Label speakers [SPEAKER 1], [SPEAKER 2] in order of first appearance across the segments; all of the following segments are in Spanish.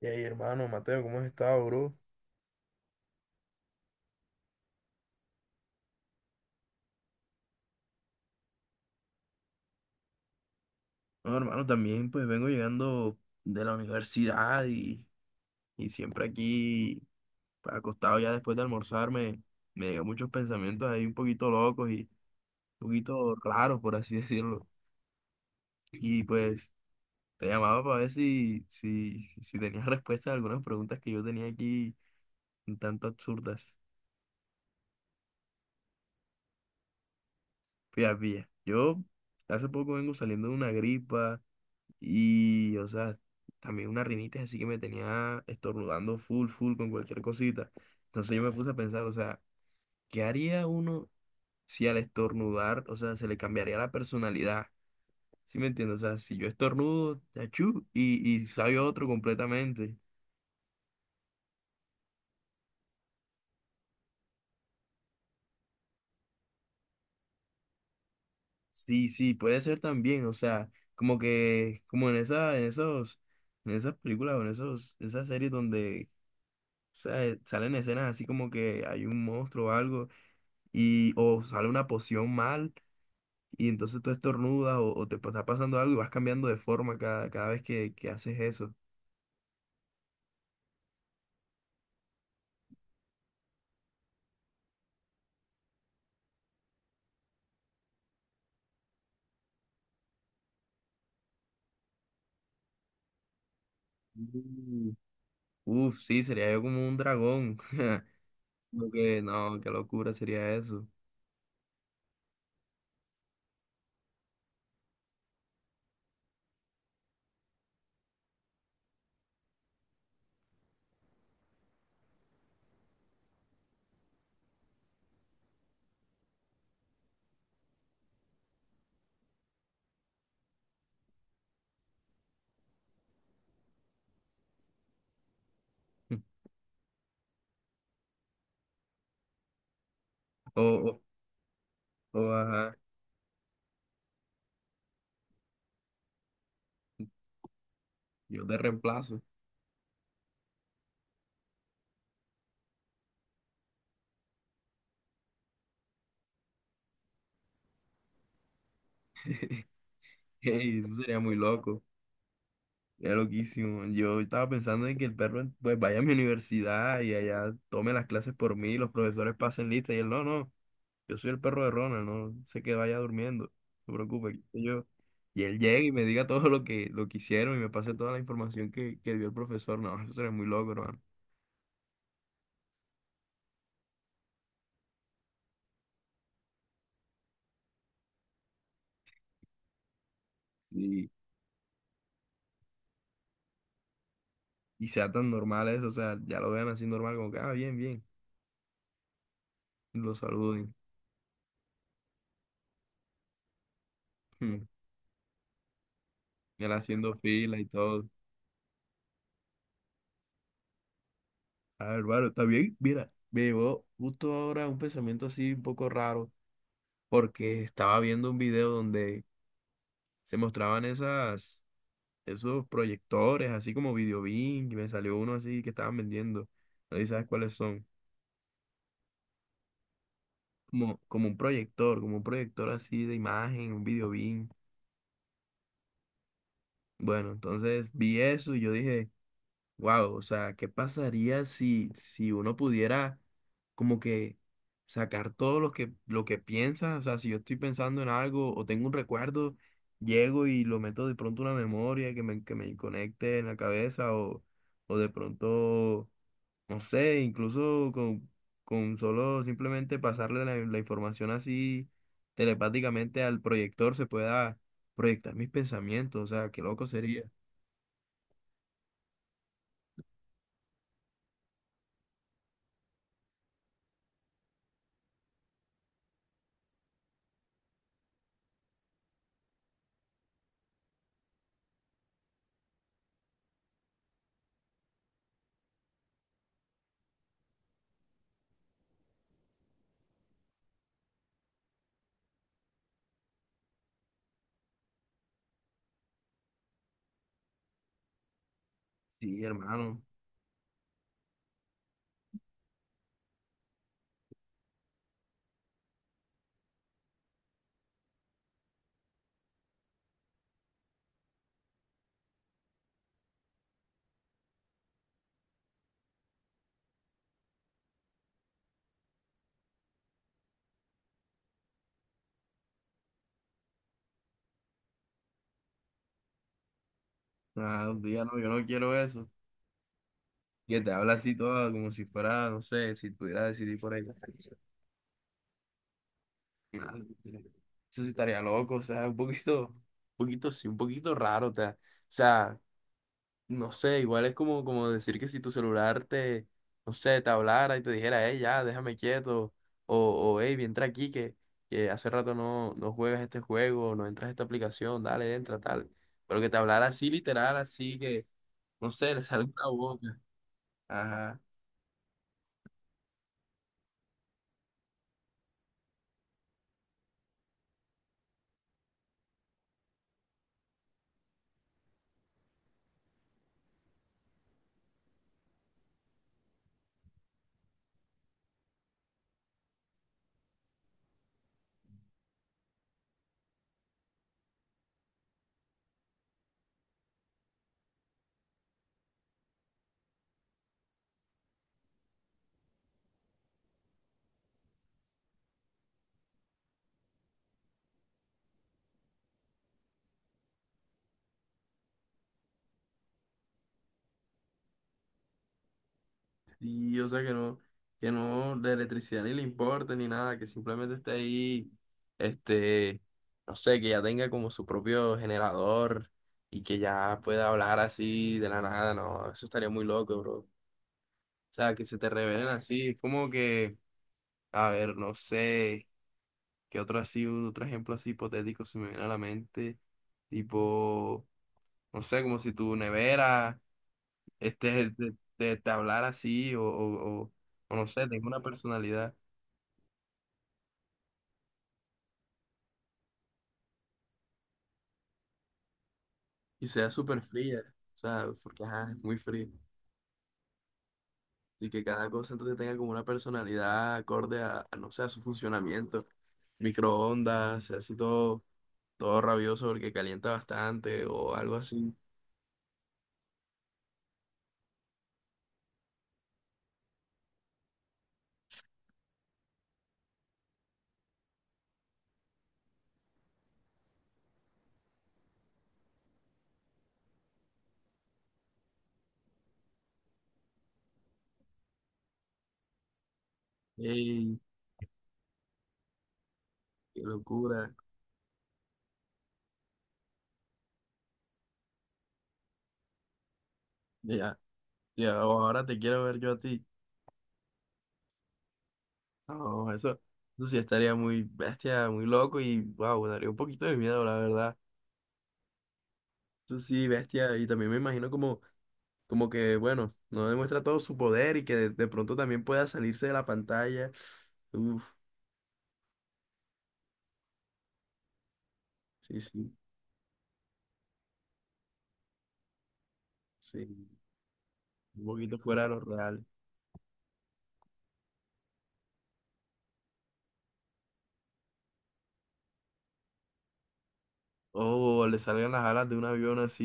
[SPEAKER 1] Y ahí, hermano, Mateo, ¿cómo has estado, bro? Bueno, hermano, también pues vengo llegando de la universidad y siempre aquí pues, acostado ya después de almorzar me llegan muchos pensamientos ahí un poquito locos y un poquito raros, por así decirlo. Y pues te llamaba para ver si tenías respuestas a algunas preguntas que yo tenía aquí un tanto absurdas. Fíjate, pilla, yo hace poco vengo saliendo de una gripa. Y, o sea, también una rinitis así que me tenía estornudando full con cualquier cosita. Entonces yo me puse a pensar, o sea, ¿qué haría uno si al estornudar, o sea, se le cambiaría la personalidad? ¿Sí me entiendes? O sea, si yo estornudo, achú, y sabe otro completamente. Sí, sí, puede ser también, o sea, como que, como en esa, en esos, en esas películas o en esas series donde, o sea, salen escenas así como que hay un monstruo o algo y o sale una poción mal y entonces tú estornudas o te está pasando algo y vas cambiando de forma cada vez que haces eso. Mm. Uf, sí, sería yo como un dragón. Como que no, qué locura sería eso. O, o, ajá, yo te reemplazo. Ey, eso sería muy loco. Es loquísimo. Yo estaba pensando en que el perro pues vaya a mi universidad y allá tome las clases por mí, los profesores pasen lista y él no, no. Yo soy el perro de Ronald, no sé, que vaya durmiendo. No se preocupe, que yo, y él llegue y me diga todo lo lo que hicieron y me pase toda la información que dio el profesor. No, eso sería muy loco, hermano. Y, y sea tan normal eso, o sea, ya lo vean así normal, como que, ah, bien, bien. Y lo saluden. Hmm, y él haciendo fila y todo. Ah, hermano, está bien. Mira, me llegó justo ahora un pensamiento así un poco raro, porque estaba viendo un video donde se mostraban esas, esos proyectores, así como Videobeam, y me salió uno así que estaban vendiendo. No sé si sabes cuáles son. Como, como un proyector así de imagen, un Videobeam. Bueno, entonces vi eso y yo dije, wow, o sea, ¿qué pasaría si uno pudiera como que sacar todo lo lo que piensa? O sea, si yo estoy pensando en algo o tengo un recuerdo, llego y lo meto de pronto a una memoria que me conecte en la cabeza o de pronto no sé, incluso con solo simplemente pasarle la, la información así telepáticamente al proyector se pueda proyectar mis pensamientos, o sea, qué loco sería. Sí, hermano, o sea, un día no, yo no quiero eso. Que te habla así todo como si fuera, no sé, si pudiera decidir por ella. Ah, eso sí estaría loco, o sea, un poquito, sí, un poquito raro, o sea, no sé, igual es como, como decir que si tu celular te, no sé, te hablara y te dijera, hey, ya, déjame quieto, o, o hey, entra aquí que hace rato no, no juegas este juego, no entras a esta aplicación, dale, entra, tal. Pero que te hablara así, literal, así que, no sé, le sale una boca. Ajá. Sí, o sea que no la electricidad ni le importe ni nada, que simplemente esté ahí, este, no sé, que ya tenga como su propio generador y que ya pueda hablar así de la nada, no, eso estaría muy loco, bro. O sea, que se te revelen así, es como que, a ver, no sé, qué otro así, otro ejemplo así hipotético se me viene a la mente, tipo, no sé, como si tu nevera este, de hablar así o, o no sé, tenga una personalidad y sea súper fría, o sea, porque ajá, es muy fría. Y que cada cosa entonces tenga como una personalidad acorde a, no sé, a su funcionamiento. Microondas, así todo, todo rabioso porque calienta bastante o algo así. ¡Ey! ¡Qué locura! Ya, ya, ahora te quiero ver yo a ti. No, eso sí estaría muy bestia, muy loco y wow, daría un poquito de miedo, la verdad. Eso sí, bestia, y también me imagino como, como que, bueno, no demuestra todo su poder y que de pronto también pueda salirse de la pantalla. Uf, sí, sí, sí, un poquito fuera de lo real. O le salgan las alas de un avión así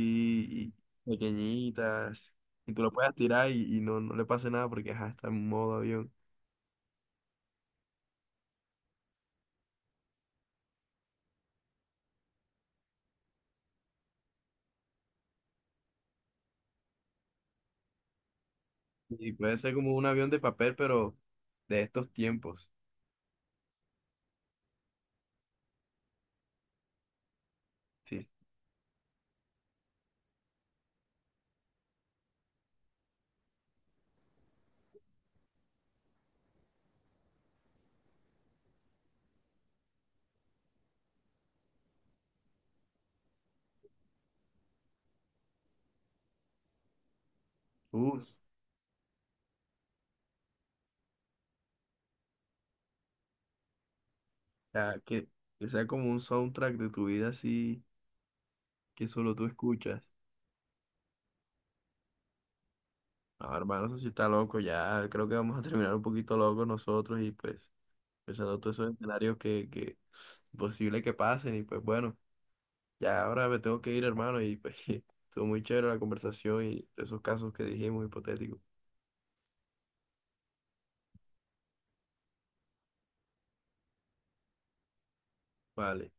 [SPEAKER 1] y, pequeñitas y tú lo puedas tirar y no, no le pase nada porque ajá, está en modo avión. Y puede ser como un avión de papel, pero de estos tiempos. Sí, uf, o sea, que sea como un soundtrack de tu vida así que solo tú escuchas. No, hermano, eso sí está loco. Ya creo que vamos a terminar un poquito locos nosotros y pues pensando todos esos escenarios que posible que pasen. Y pues bueno, ya ahora me tengo que ir, hermano. Y pues estuvo muy chévere la conversación y esos casos que dijimos hipotéticos. Vale.